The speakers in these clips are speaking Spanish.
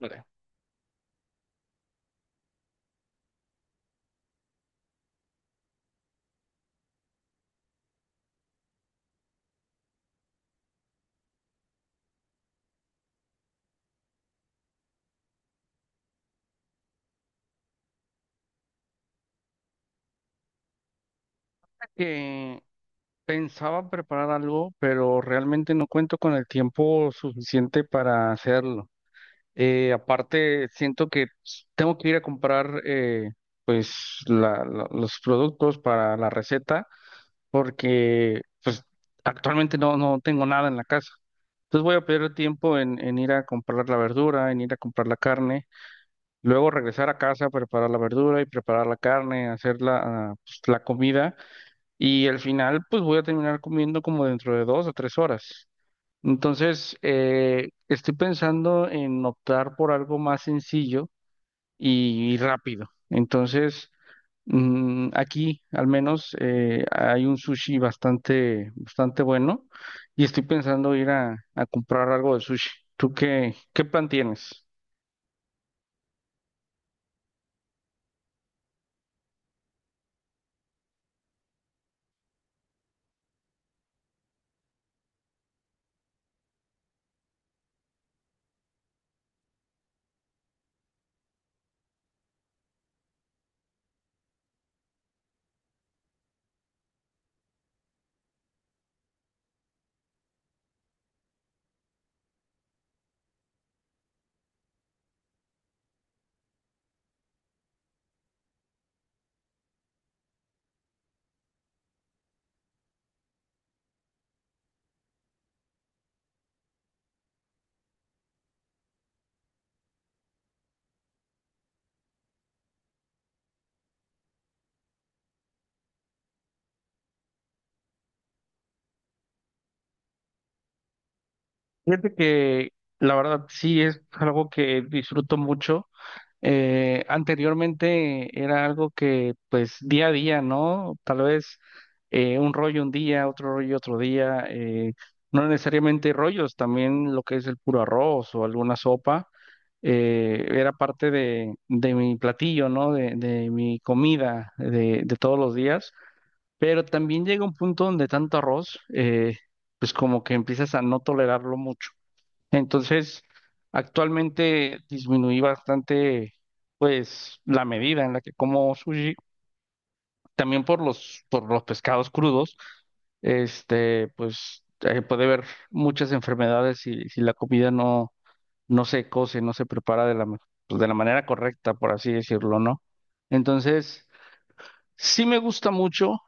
Mira, que pensaba preparar algo, pero realmente no cuento con el tiempo suficiente para hacerlo. Aparte, siento que tengo que ir a comprar los productos para la receta, porque pues actualmente no tengo nada en la casa. Entonces voy a perder tiempo en ir a comprar la verdura, en ir a comprar la carne, luego regresar a casa, preparar la verdura y preparar la carne, hacer la comida. Y al final, pues voy a terminar comiendo como dentro de 2 o 3 horas. Entonces, estoy pensando en optar por algo más sencillo y rápido. Entonces, aquí al menos hay un sushi bastante, bastante bueno, y estoy pensando ir a comprar algo de sushi. ¿Tú qué, qué plan tienes? Fíjate que la verdad sí es algo que disfruto mucho. Anteriormente era algo que pues día a día, ¿no? Tal vez un rollo un día, otro rollo otro día, no necesariamente rollos, también lo que es el puro arroz o alguna sopa, era parte de mi platillo, ¿no? De mi comida de todos los días, pero también llega un punto donde tanto arroz, pues como que empiezas a no tolerarlo mucho. Entonces, actualmente disminuí bastante, pues, la medida en la que como sushi, también por los pescados crudos, este, pues, puede haber muchas enfermedades si la comida no se cose, no se prepara de pues, de la manera correcta, por así decirlo, ¿no? Entonces, sí me gusta mucho,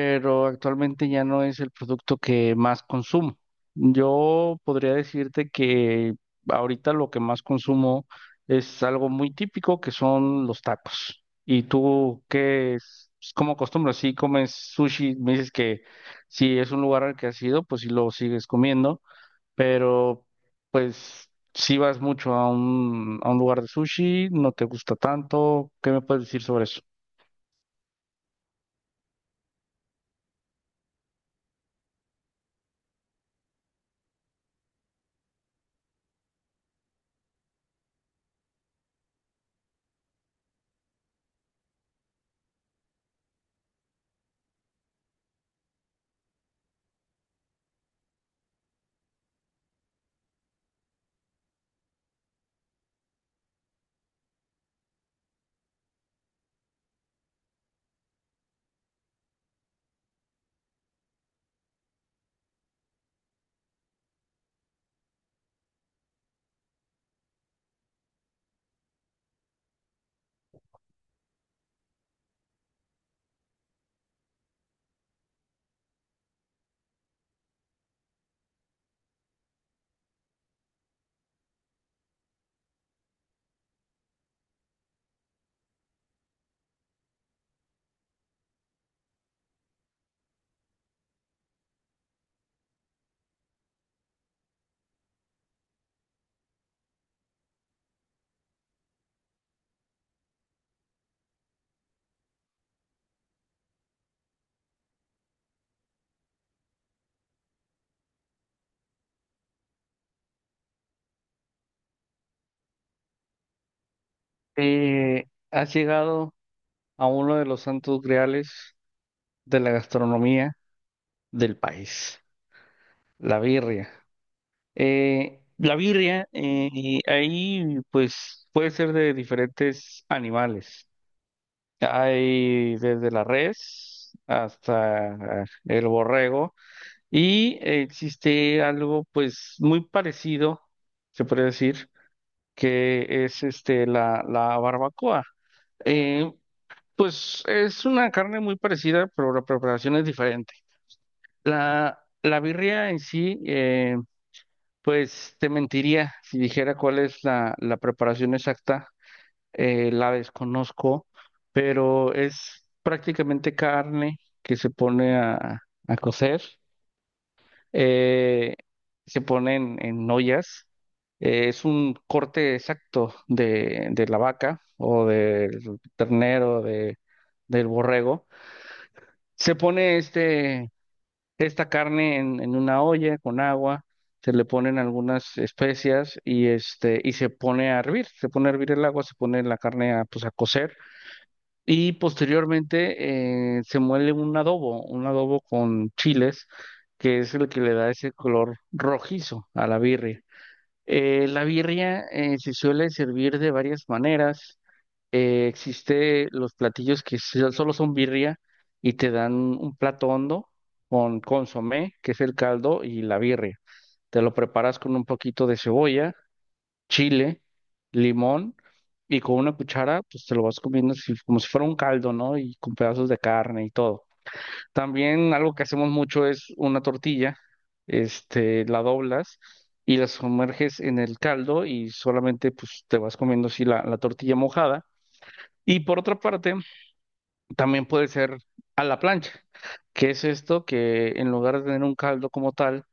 pero actualmente ya no es el producto que más consumo. Yo podría decirte que ahorita lo que más consumo es algo muy típico, que son los tacos. ¿Y tú qué es? Pues, ¿cómo acostumbras? Si comes sushi, me dices que si es un lugar al que has ido, pues sí lo sigues comiendo, pero pues si vas mucho a un lugar de sushi, no te gusta tanto, ¿qué me puedes decir sobre eso? ¿Has llegado a uno de los santos griales de la gastronomía del país, la birria? La birria, y ahí pues puede ser de diferentes animales. Hay desde la res hasta el borrego, y existe algo pues muy parecido, se puede decir, que es este la barbacoa. Eh, pues es una carne muy parecida, pero la preparación es diferente. La birria en sí, pues te mentiría si dijera cuál es la preparación exacta, la desconozco, pero es prácticamente carne que se pone a cocer, eh, se pone en ollas, es un corte exacto de la vaca o del ternero, del borrego. Se pone esta carne en una olla con agua, se le ponen algunas especias y este y se pone a hervir, se pone a hervir el agua, se pone la carne a, pues a cocer, y posteriormente se muele un adobo con chiles, que es el que le da ese color rojizo a la birria. La birria se suele servir de varias maneras. Existe los platillos que solo son birria y te dan un plato hondo con consomé, que es el caldo, y la birria. Te lo preparas con un poquito de cebolla, chile, limón, y con una cuchara, pues te lo vas comiendo así como si fuera un caldo, ¿no? Y con pedazos de carne y todo. También algo que hacemos mucho es una tortilla, este, la doblas. Y la sumerges en el caldo y solamente pues te vas comiendo así la tortilla mojada. Y por otra parte, también puede ser a la plancha, que es esto que en lugar de tener un caldo como tal,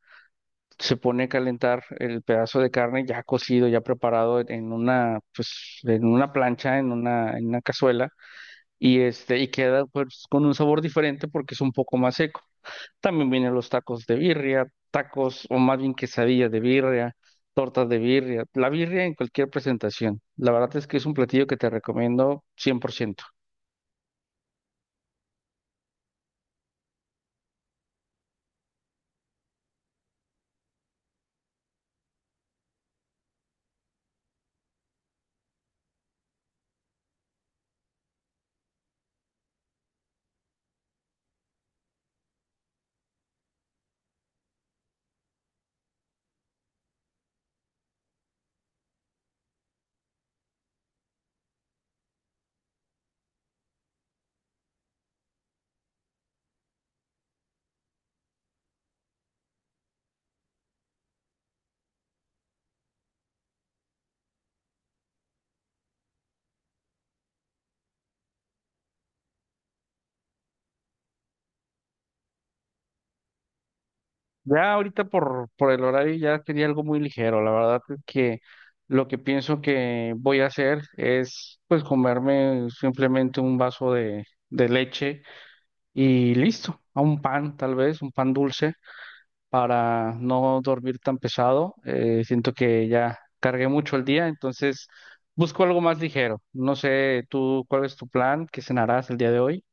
se pone a calentar el pedazo de carne ya cocido, ya preparado en una, pues, en una plancha, en una cazuela, y este, y queda pues con un sabor diferente porque es un poco más seco. También vienen los tacos de birria, tacos, o más bien quesadillas de birria, tortas de birria, la birria en cualquier presentación. La verdad es que es un platillo que te recomiendo 100%. Ya ahorita por el horario ya quería algo muy ligero. La verdad es que lo que pienso que voy a hacer es pues comerme simplemente un vaso de leche y listo. A un pan tal vez, un pan dulce para no dormir tan pesado. Siento que ya cargué mucho el día, entonces busco algo más ligero. No sé tú cuál es tu plan, qué cenarás el día de hoy.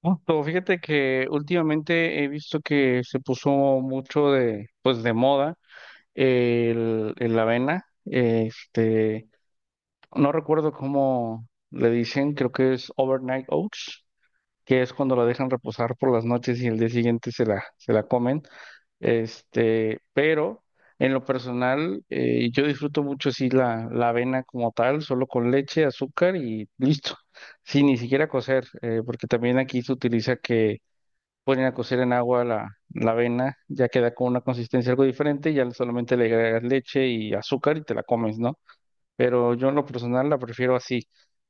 Justo, fíjate que últimamente he visto que se puso mucho pues de moda el avena. Este, no recuerdo cómo le dicen, creo que es overnight oats, que es cuando la dejan reposar por las noches y el día siguiente se la comen. Este, pero en lo personal, yo disfruto mucho así la avena como tal, solo con leche, azúcar y listo, sin ni siquiera cocer, porque también aquí se utiliza que ponen a cocer en agua la avena, ya queda con una consistencia algo diferente, ya solamente le agregas leche y azúcar y te la comes, ¿no? Pero yo en lo personal la prefiero así,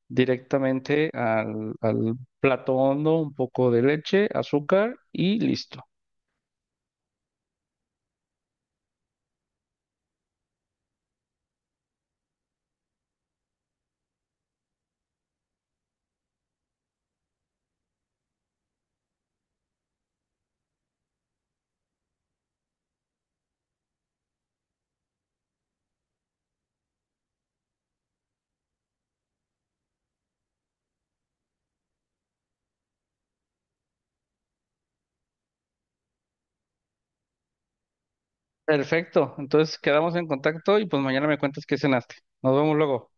directamente al plato hondo, un poco de leche, azúcar y listo. Perfecto, entonces quedamos en contacto y pues mañana me cuentas qué cenaste. Nos vemos luego.